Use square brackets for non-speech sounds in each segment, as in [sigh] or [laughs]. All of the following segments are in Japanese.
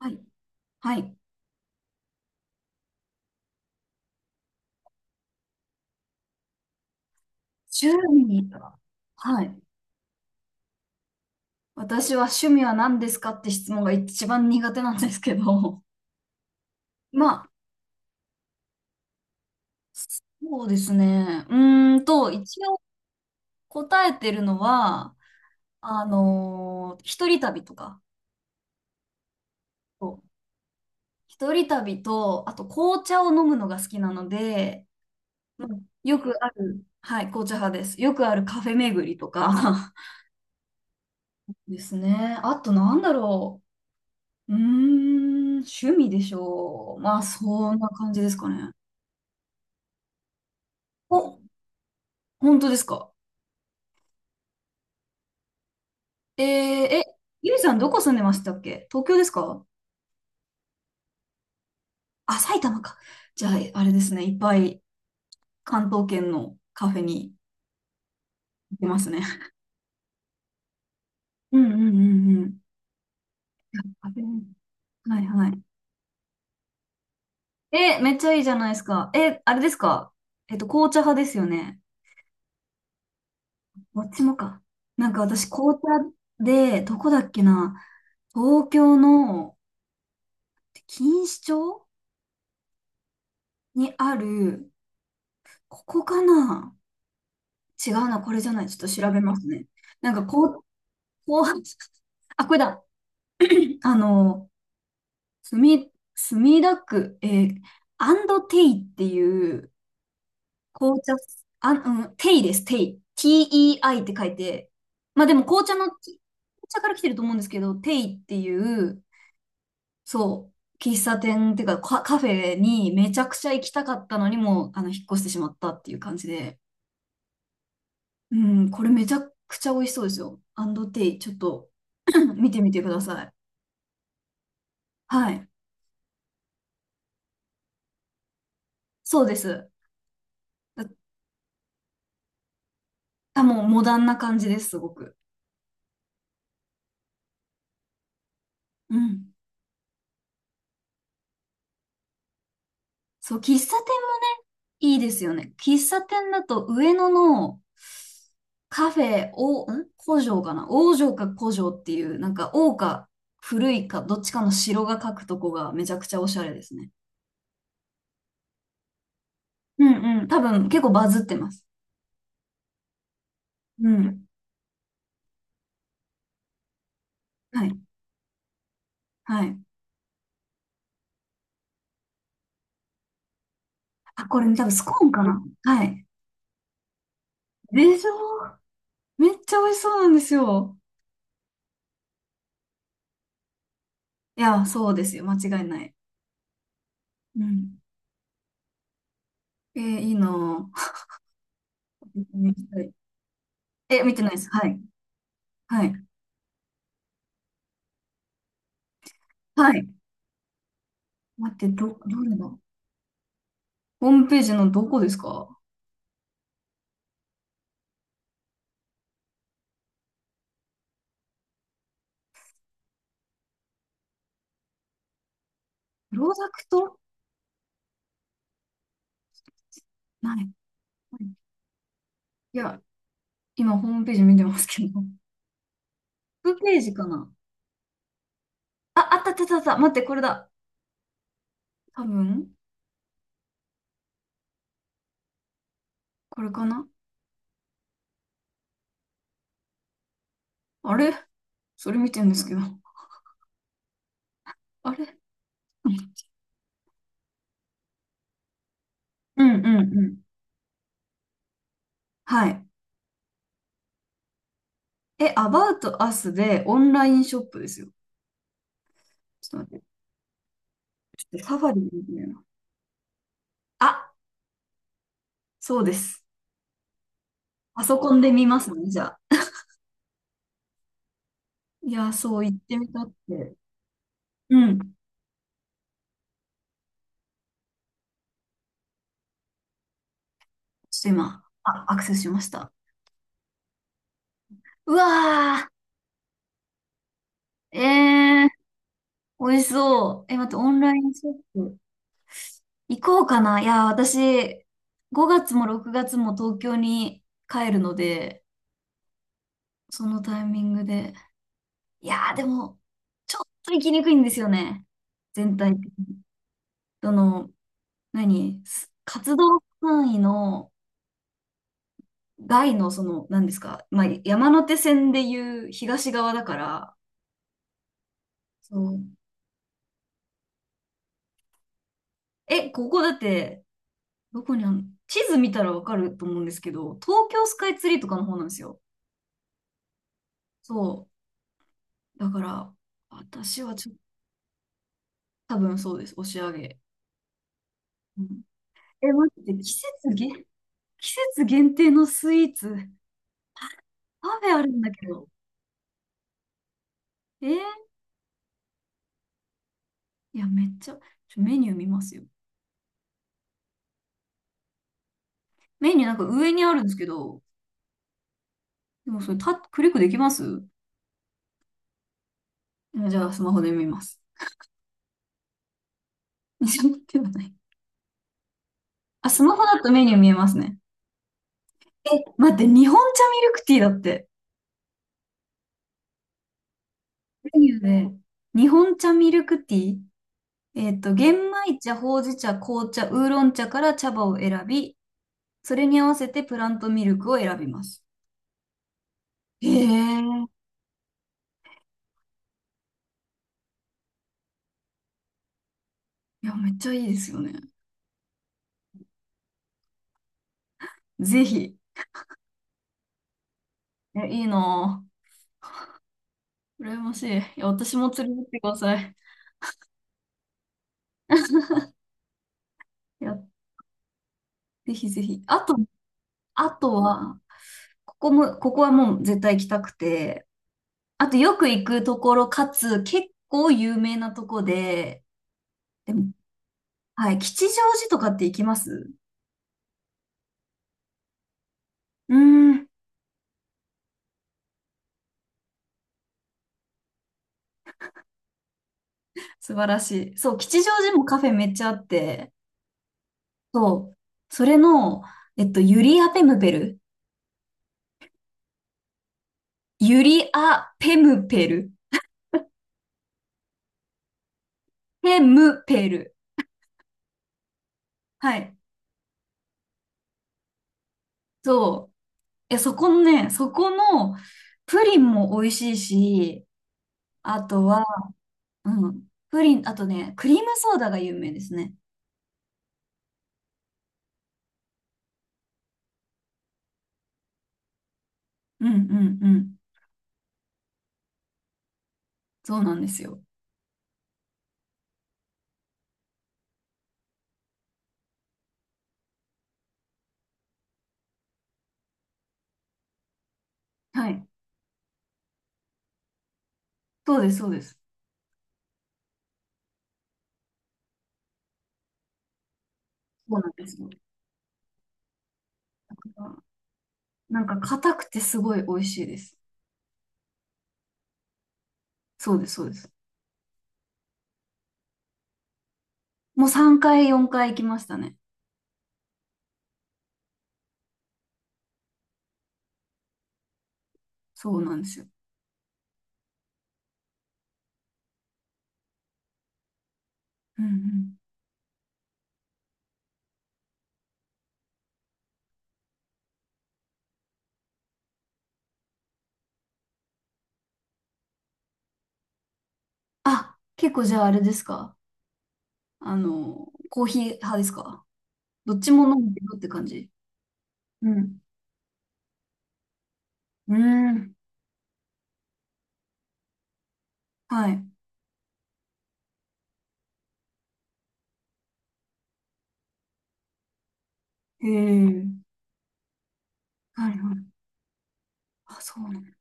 はい。はい。趣味か。はい。私は趣味は何ですかって質問が一番苦手なんですけど。[laughs] まあ、そうですね。一応答えてるのは、一人旅とか。そう、一人旅と、あと紅茶を飲むのが好きなので、まあよくある、はい、紅茶派です。よくあるカフェ巡りとか [laughs] ですね。あとなんだろう。うーん、趣味でしょう。まあ、そんな感じですかね。お、本当ですか？えー、え、ゆいさんどこ住んでましたっけ？東京ですか？あ、埼玉か。じゃあ、あれですね。いっぱい関東圏のカフェに行きますね。うんうんうんうん。カフェね。はいはい。え、めっちゃいいじゃないですか。え、あれですか？紅茶派ですよね。どっちもか。なんか私、紅茶で、どこだっけな。東京の錦糸町にある、ここかな？違うな、これじゃない。ちょっと調べますね。なんかこう、[laughs] あ、これだ。あの、墨田区、アンドテイっていう紅茶、あ、うん、テイです、テイ。TEI って書いて。まあでも紅茶の、紅茶から来てると思うんですけど、テイっていう、そう、喫茶店っていうか、カフェにめちゃくちゃ行きたかったのにも引っ越してしまったっていう感じで。うん、これめちゃくちゃ美味しそうですよ。アンドテイ、ちょっと [clears throat] 見てみてください。はい。そうです。だあ、もうモダンな感じです、すごく。うん。そう、喫茶店もね、いいですよね。喫茶店だと上野のカフェ、古城かな、王城か古城っていう、なんか王か古いかどっちかの城が書くとこがめちゃくちゃおしゃれですね。うんうん。多分結構バズってます。うん。はい。はい。あ、これね多分スコーンかな。はい。でしょ？めっちゃ美味しそうなんですよ。いや、そうですよ。間違いない。うん。えー、いいなぁ。見てみたい。え、見てないです。はい。はい。はい。待って、どれだ？ホームページのどこですか？プロダクトない。はい。いや、今ホームページ見てますけど。[laughs] トップページかな？あ、あったあったあったあった。待って、これだ。多分、これかな？あれ、それ見てるんですけど。あれ、うんうんうん。はい。え、About Us でオンラインショップですよ。ちょっと待って。ちょっとサファリで見てみよう。なあ、そうです。パソコンで見ますね、じゃあ。いや、そう言ってみたって。うん。ちょっと今、あ、アクセスしました。うわー、えー、美味しそう。え、待って、オンラインショップ行こうかな。いや、私、5月も6月も東京に帰るので、そのタイミングで。いやー、でも、ちょっと行きにくいんですよね。全体的に。どの、何す活動範囲の外のその、何ですか、まあ、山手線でいう東側だから、そう。え、ここだって、どこにあんの？地図見たらわかると思うんですけど、東京スカイツリーとかの方なんですよ。そう。だから、私はちょっと、多分そうです。押し上げ。うん、え、待って、季節限定のスイーツ、パフェあるんだけど。えー、いや、めっちゃ、メニュー見ますよ。メニューなんか上にあるんですけど、でもそれ、クリックできます？あ、じゃあ、スマホで見ます。[laughs] スマホではない。あ、スマホだとメニュー見えますね。え、待って、日本茶ミルクティーだって。メニューで、日本茶ミルクティー、玄米茶、ほうじ茶、紅茶、ウーロン茶から茶葉を選び、それに合わせてプラントミルクを選びます。へえ、いや、めっちゃいいですよね。ぜひ。え、いいなぁ。羨ましい。いや、私も連れてってください。いや、ぜひぜひ。あとは、ここはもう絶対行きたくて、あとよく行くところかつ結構有名なとこで、でも、はい、吉祥寺とかって行きます？うーん、素晴らしい。そう、吉祥寺もカフェめっちゃあって、そう、それの、ユリアペムペル。ユリアペムペル。ペムペル。はい。そう。え、そこのプリンも美味しいし、あとは、うん。プリン、あとね、クリームソーダが有名ですね。うんうんうん。そうなんですよ。はい。そうです、そうです。そうなんですよ。だからなんか硬くてすごい美味しいです。そうです、そうです。もう3回、4回行きましたね。そうなんですよ。うんうん。あ、結構じゃああれですか？コーヒー派ですか？どっちも飲んでるって感じ。うん。うーん。はい。へえ。はいはい。あ、そうなの。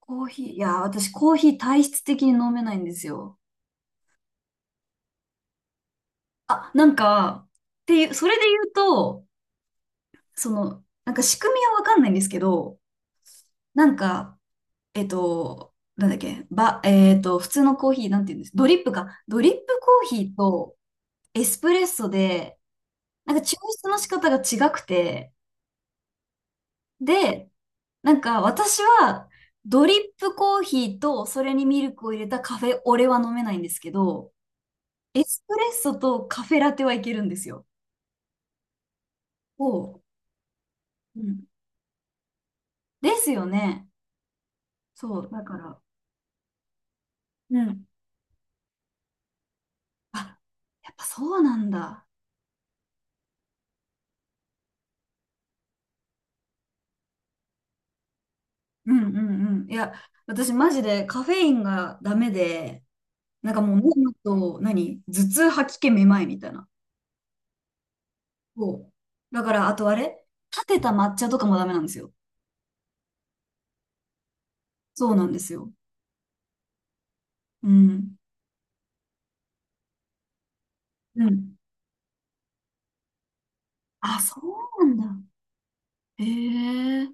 コーヒー。いや、私コーヒー体質的に飲めないんですよ。あ、なんか、っていう、それで言うと、その、なんか仕組みはわかんないんですけど、なんか、なんだっけ、ば、えっと、普通のコーヒー、なんて言うんです、ドリップか。ドリップコーヒーとエスプレッソで、なんか抽出の仕方が違くて、で、なんか私は、ドリップコーヒーとそれにミルクを入れたカフェオレは飲めないんですけど、エスプレッソとカフェラテはいけるんですよ。おう。うん、ですよね。そう、だから。うん。あ、やっぱそうなんだ。うんうんうん。いや、私マジでカフェインがダメで、なんかもう飲むと、何頭痛、吐き気、めまいみたいな。そう。だから、あとあれ立てた抹茶とかもダメなんですよ。そうなんですよ。うん。うん。あ、そうなんだ。へえ。